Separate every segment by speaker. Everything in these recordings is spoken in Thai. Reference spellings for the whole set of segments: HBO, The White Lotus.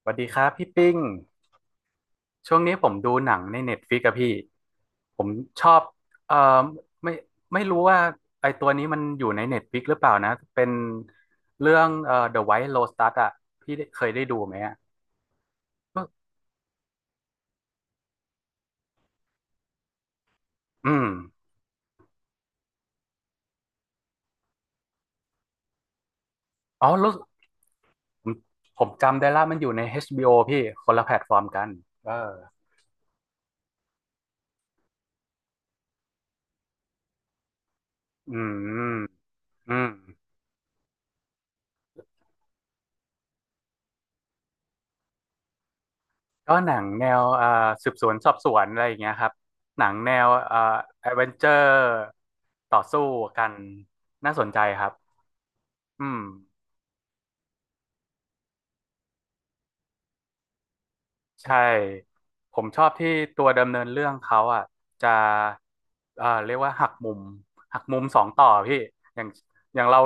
Speaker 1: สวัสดีครับพี่ปิ้งช่วงนี้ผมดูหนังในเน็ตฟ i ิกอะพี่ผมชอบเอ่อไม่ไม่รู้ว่าไอตัวนี้มันอยู่ในเน็ตฟ i ิกหรือเปล่านะเป็นเรื่องThe White Lotus อะพี่ได้เคยได้ดูไหมอะก็อืมอ๋อรู้สึกผมผมจำได้ละมันอยู่ใน HBO พี่คนละแพลตฟอร์มกันเอออืมอืม ก็หนังแนวสืบสวนสอบสวนอะไรอย่างเงี้ยครับหนังแนวแอดเวนเจอร์ต่อสู้กันน่าสนใจครับอืม ใช่ผมชอบที่ตัวดำเนินเรื่องเขาอ่ะจะเรียกว่าหักมุมหักมุมสองต่อพี่อย่างอย่างเรา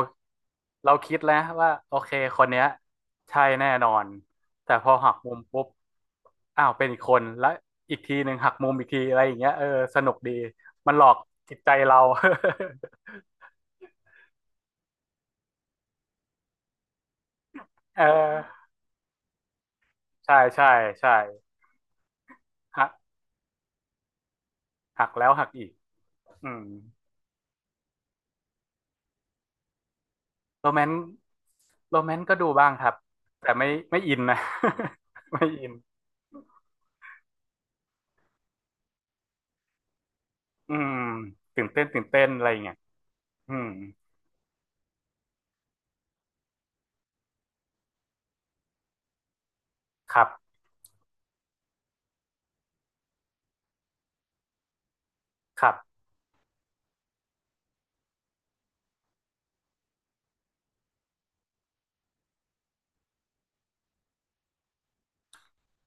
Speaker 1: คิดแล้วว่าโอเคคนเนี้ยใช่แน่นอนแต่พอหักมุมปุ๊บอ้าวเป็นอีกคนแล้วอีกทีหนึ่งหักมุมอีกทีอะไรอย่างเงี้ยเออสนุกดีมันหลอกจิตใจเรา เออใช่ใช่ใช่หักหักแล้วหักอีกอืม โรแมนต์โรแมนต์ก็ดูบ้างครับแต่ไม่อินนะ ไม่อินอืมตื่นเต้นตื่นเต้นอะไรอย่างเงี้ยอืมครับครับ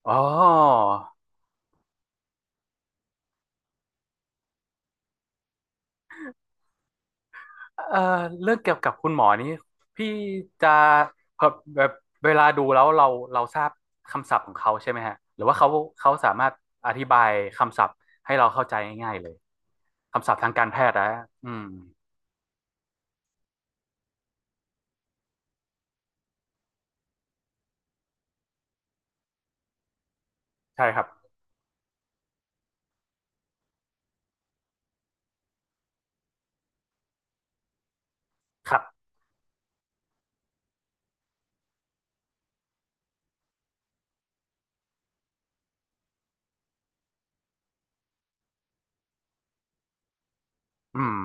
Speaker 1: อ๋อเอ่อเรื่องเกี่ยวกับคุณหมอนี้พี่จะแบบแบบเวลาดูแล้วเราทราบคำศัพท์ของเขาใช่ไหมฮะหรือว่าเขาสามารถอธิบายคำศัพท์ให้เราเข้าใจง่ายๆเลยคำศัพท์ทางการแพทย์นะอืมใช่ครับครับอืม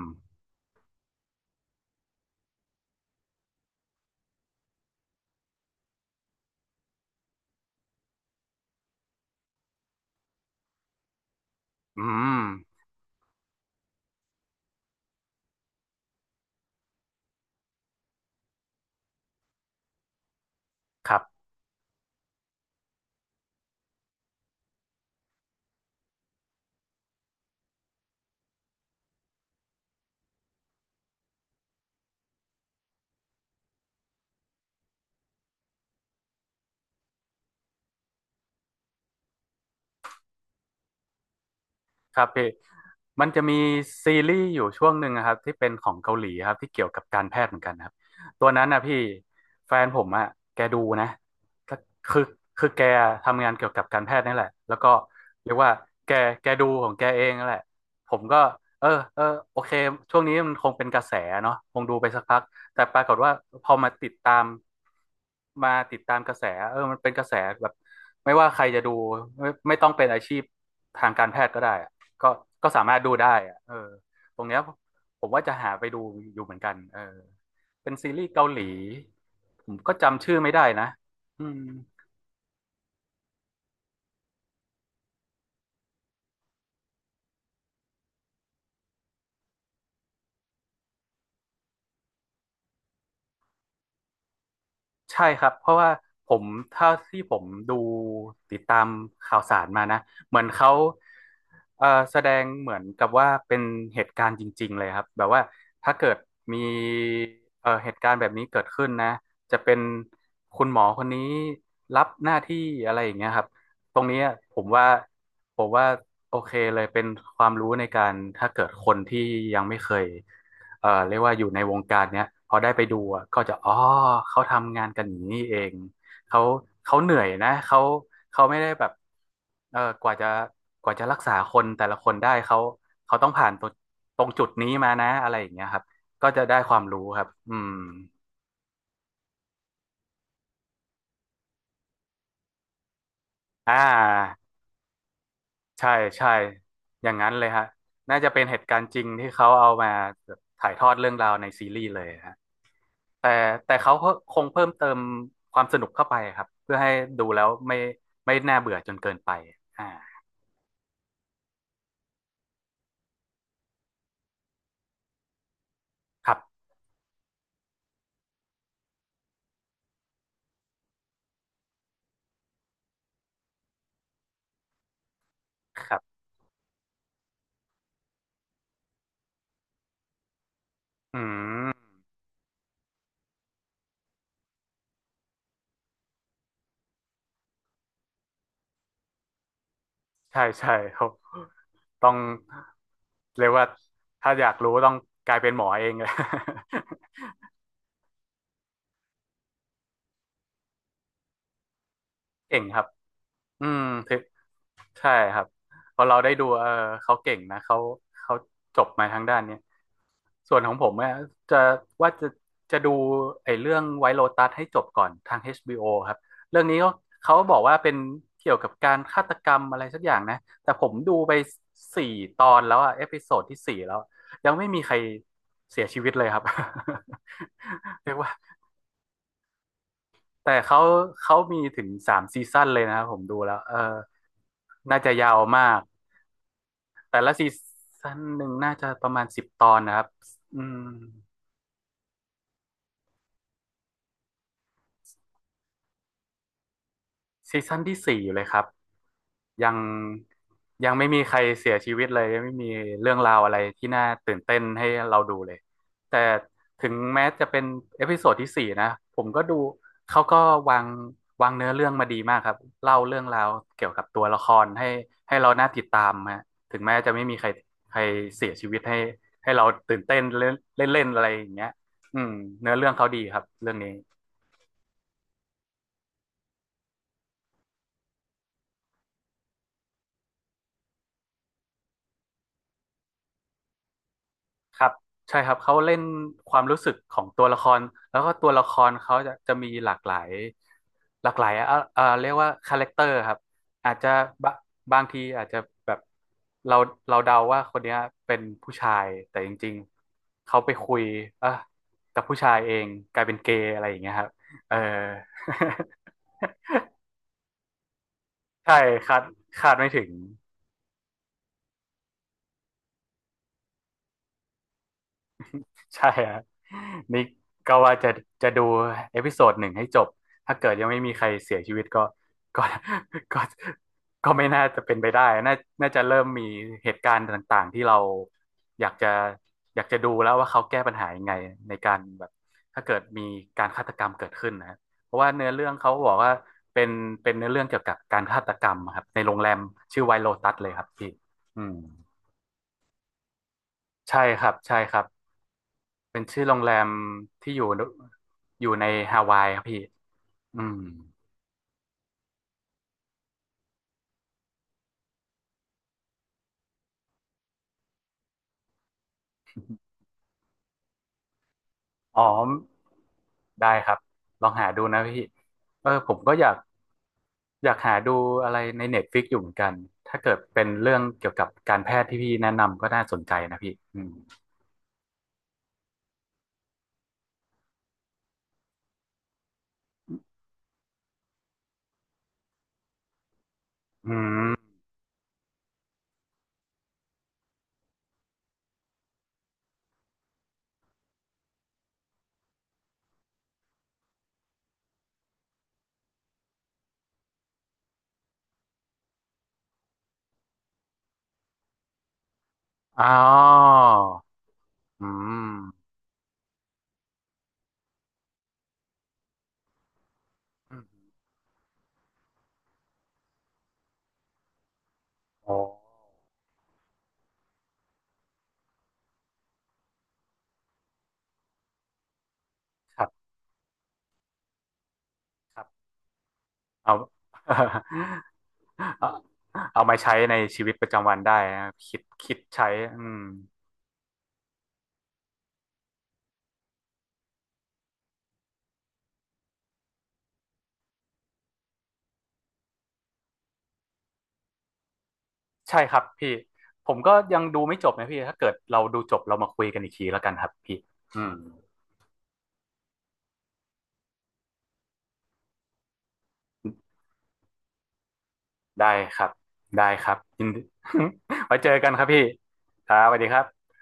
Speaker 1: อืมครับ ครับพี่มันจะมีซีรีส์อยู่ช่วงหนึ่งนะครับที่เป็นของเกาหลีครับที่เกี่ยวกับการแพทย์เหมือนกันครับตัวนั้นนะพี่แฟนผมอะแกดูนะก็คือแกทำงานเกี่ยวกับการแพทย์นี่แหละแล้วก็เรียกว่าแกดูของแกเองนั่นแหละผมก็เออเออโอเคช่วงนี้มันคงเป็นกระแสเนาะคงดูไปสักพักแต่ปรากฏว่าพอมาติดตามกระแสเออมันเป็นกระแสแบบไม่ว่าใครจะดูไม่ต้องเป็นอาชีพทางการแพทย์ก็ได้ ก็ก็สามารถดูได้อะเออตรงเนี้ยผมว่าจะหาไปดูอยู่เหมือนกันเออเป็นซีรีส์เกาหลี ผมก็จำชื่อไม่ได้นะอืม ใช่ครับเพราะว่าผมเท่าที่ผมดูติดตามข่าวสารมานะเหมือนเขาแสดงเหมือนกับว่าเป็นเหตุการณ์จริงๆเลยครับแบบว่าถ้าเกิดมีเหตุการณ์แบบนี้เกิดขึ้นนะจะเป็นคุณหมอคนนี้รับหน้าที่อะไรอย่างเงี้ยครับตรงเนี้ยผมว่าผมว่าโอเคเลยเป็นความรู้ในการถ้าเกิดคนที่ยังไม่เคย เรียกว่าอยู่ในวงการเนี้ยพอได้ไปดูอะก็จะอ๋อเขาทำงานกันอย่างนี้เองเขาเขาเหนื่อยนะเขาไม่ได้แบบเออกว่าจะรักษาคนแต่ละคนได้เขาต้องผ่านตรงจุดนี้มานะอะไรอย่างเงี้ยครับก็จะได้ความรู้ครับอืมอ่าใช่ใช่อย่างนั้นเลยฮะน่าจะเป็นเหตุการณ์จริงที่เขาเอามาถ่ายทอดเรื่องราวในซีรีส์เลยฮะ แต่แต่เขาก็คงเพิ่มเติมความสนุกเข้าไปครับเพื่อให้ดูแล้วไม่น่าเบื่อจนเกินไปอ่าครับครับอืมใช่ใช่ครับต้องเรียกว่าถ้าอยากรู้ต้องกลายเป็นหมอเองเลย เก่งครับอืมถือ ใช่ครับพอเราได้ดูเออเขาเก่งนะเขาเขาจบมาทางด้านเนี้ยส่วนของผมเนี่ยจะว่าจะดูไอ้เรื่องไวท์โ o ตัสให้จบก่อนทาง HBO ครับเรื่องนี้ก็เขาบอกว่าเป็นเกี่ยวกับการฆาตกรรมอะไรสักอย่างนะแต่ผมดูไป4 ตอนแล้วอะเอพิโซดที่สี่แล้วยังไม่มีใครเสียชีวิตเลยครับ เรียกว่าแต่เขามีถึง3 ซีซั่นเลยนะครับผมดูแล้วเออน่าจะยาวมาก แต่ละซีซั่นหนึ่งน่าจะประมาณ10 ตอนนะครับอืมซีซั่นที่ 4เลยครับ ยังยังไม่มีใครเสียชีวิตเลยยังไม่มีเรื่องราวอะไรที่น่าตื่นเต้นให้เราดูเลยแต่ถึงแม้จะเป็นเอพิโซดที่สี่นะผมก็ดูเขาก็วางเนื้อเรื่องมาดีมากครับเล่าเรื่องราวเกี่ยวกับตัวละครให้เราน่าติดตามฮะถึงแม้จะไม่มีใครใครเสียชีวิตให้เราตื่นเต้นเล่นเล่นๆอะไรอย่างเงี้ยอืมเนื้อเรื่องเขาดีครับเรื่องนี้ ครับใช่ครับเขาเล่นความรู้สึกของตัวละครแล้วก็ตัวละครเขาจะมีหลากหลายหลากหลายเรียกว่าคาแรคเตอร์ครับอาจจะบะบางทีอาจจะแบบเราเดาว่าคนเนี้ยเป็นผู้ชายแต่จริงๆเขาไปคุยเอ่ะกับผู้ชายเองกลายเป็นเกย์อะไรอย่างเงี้ยครับเออ ใช่คาดไม่ถึง ใช่ฮะนี่ก็ว่าจะดูเอพิโซดหนึ่งให้จบถ้าเกิดยังไม่มีใครเสียชีวิตก็ ก็ก็ไม่น่าจะเป็นไปได้น่าจะเริ่มมีเหตุการณ์ต่างๆที่เราอยากจะดูแล้วว่าเขาแก้ปัญหายังไงในการแบบถ้าเกิดมีการฆาตกรรมเกิดขึ้นนะเพราะว่าเนื้อเรื่องเขาบอกว่าเป็นเนื้อเรื่องเกี่ยวกับการฆาตกรรมครับในโรงแรมชื่อไวโลตัสเลยครับพี่อืมใช่ครับใช่ครับ เป็นชื่อโรงแรมที่อยู่ในฮาวายครับพี่อืมอ๋อได้ครับลองหาดูนะพี่เออผมก็อยากหาดูอะไรในเน็ตฟิกอยู่เหมือนกันถ้าเกิดเป็นเรื่องเกี่ยวกับการแพทย์ที่พี่แนะนำก็น่าสนใจนะพี่อืมอืมอ๋ออืมอืมโอ้ครับครับเอา เอามาใช้ในชีวิตประจำวันได้นะคิดใช้อืม ใช่ครับพี่ผมก็ยังดูไม่จบนะพี่ถ้าเกิดเราดูจบเรามาคุยกันอีกทีแล้วกันครับพี่อืมได้ครับได้ครับยินดี ไว้เจอกันครับพี่ครับสวัสดีครับ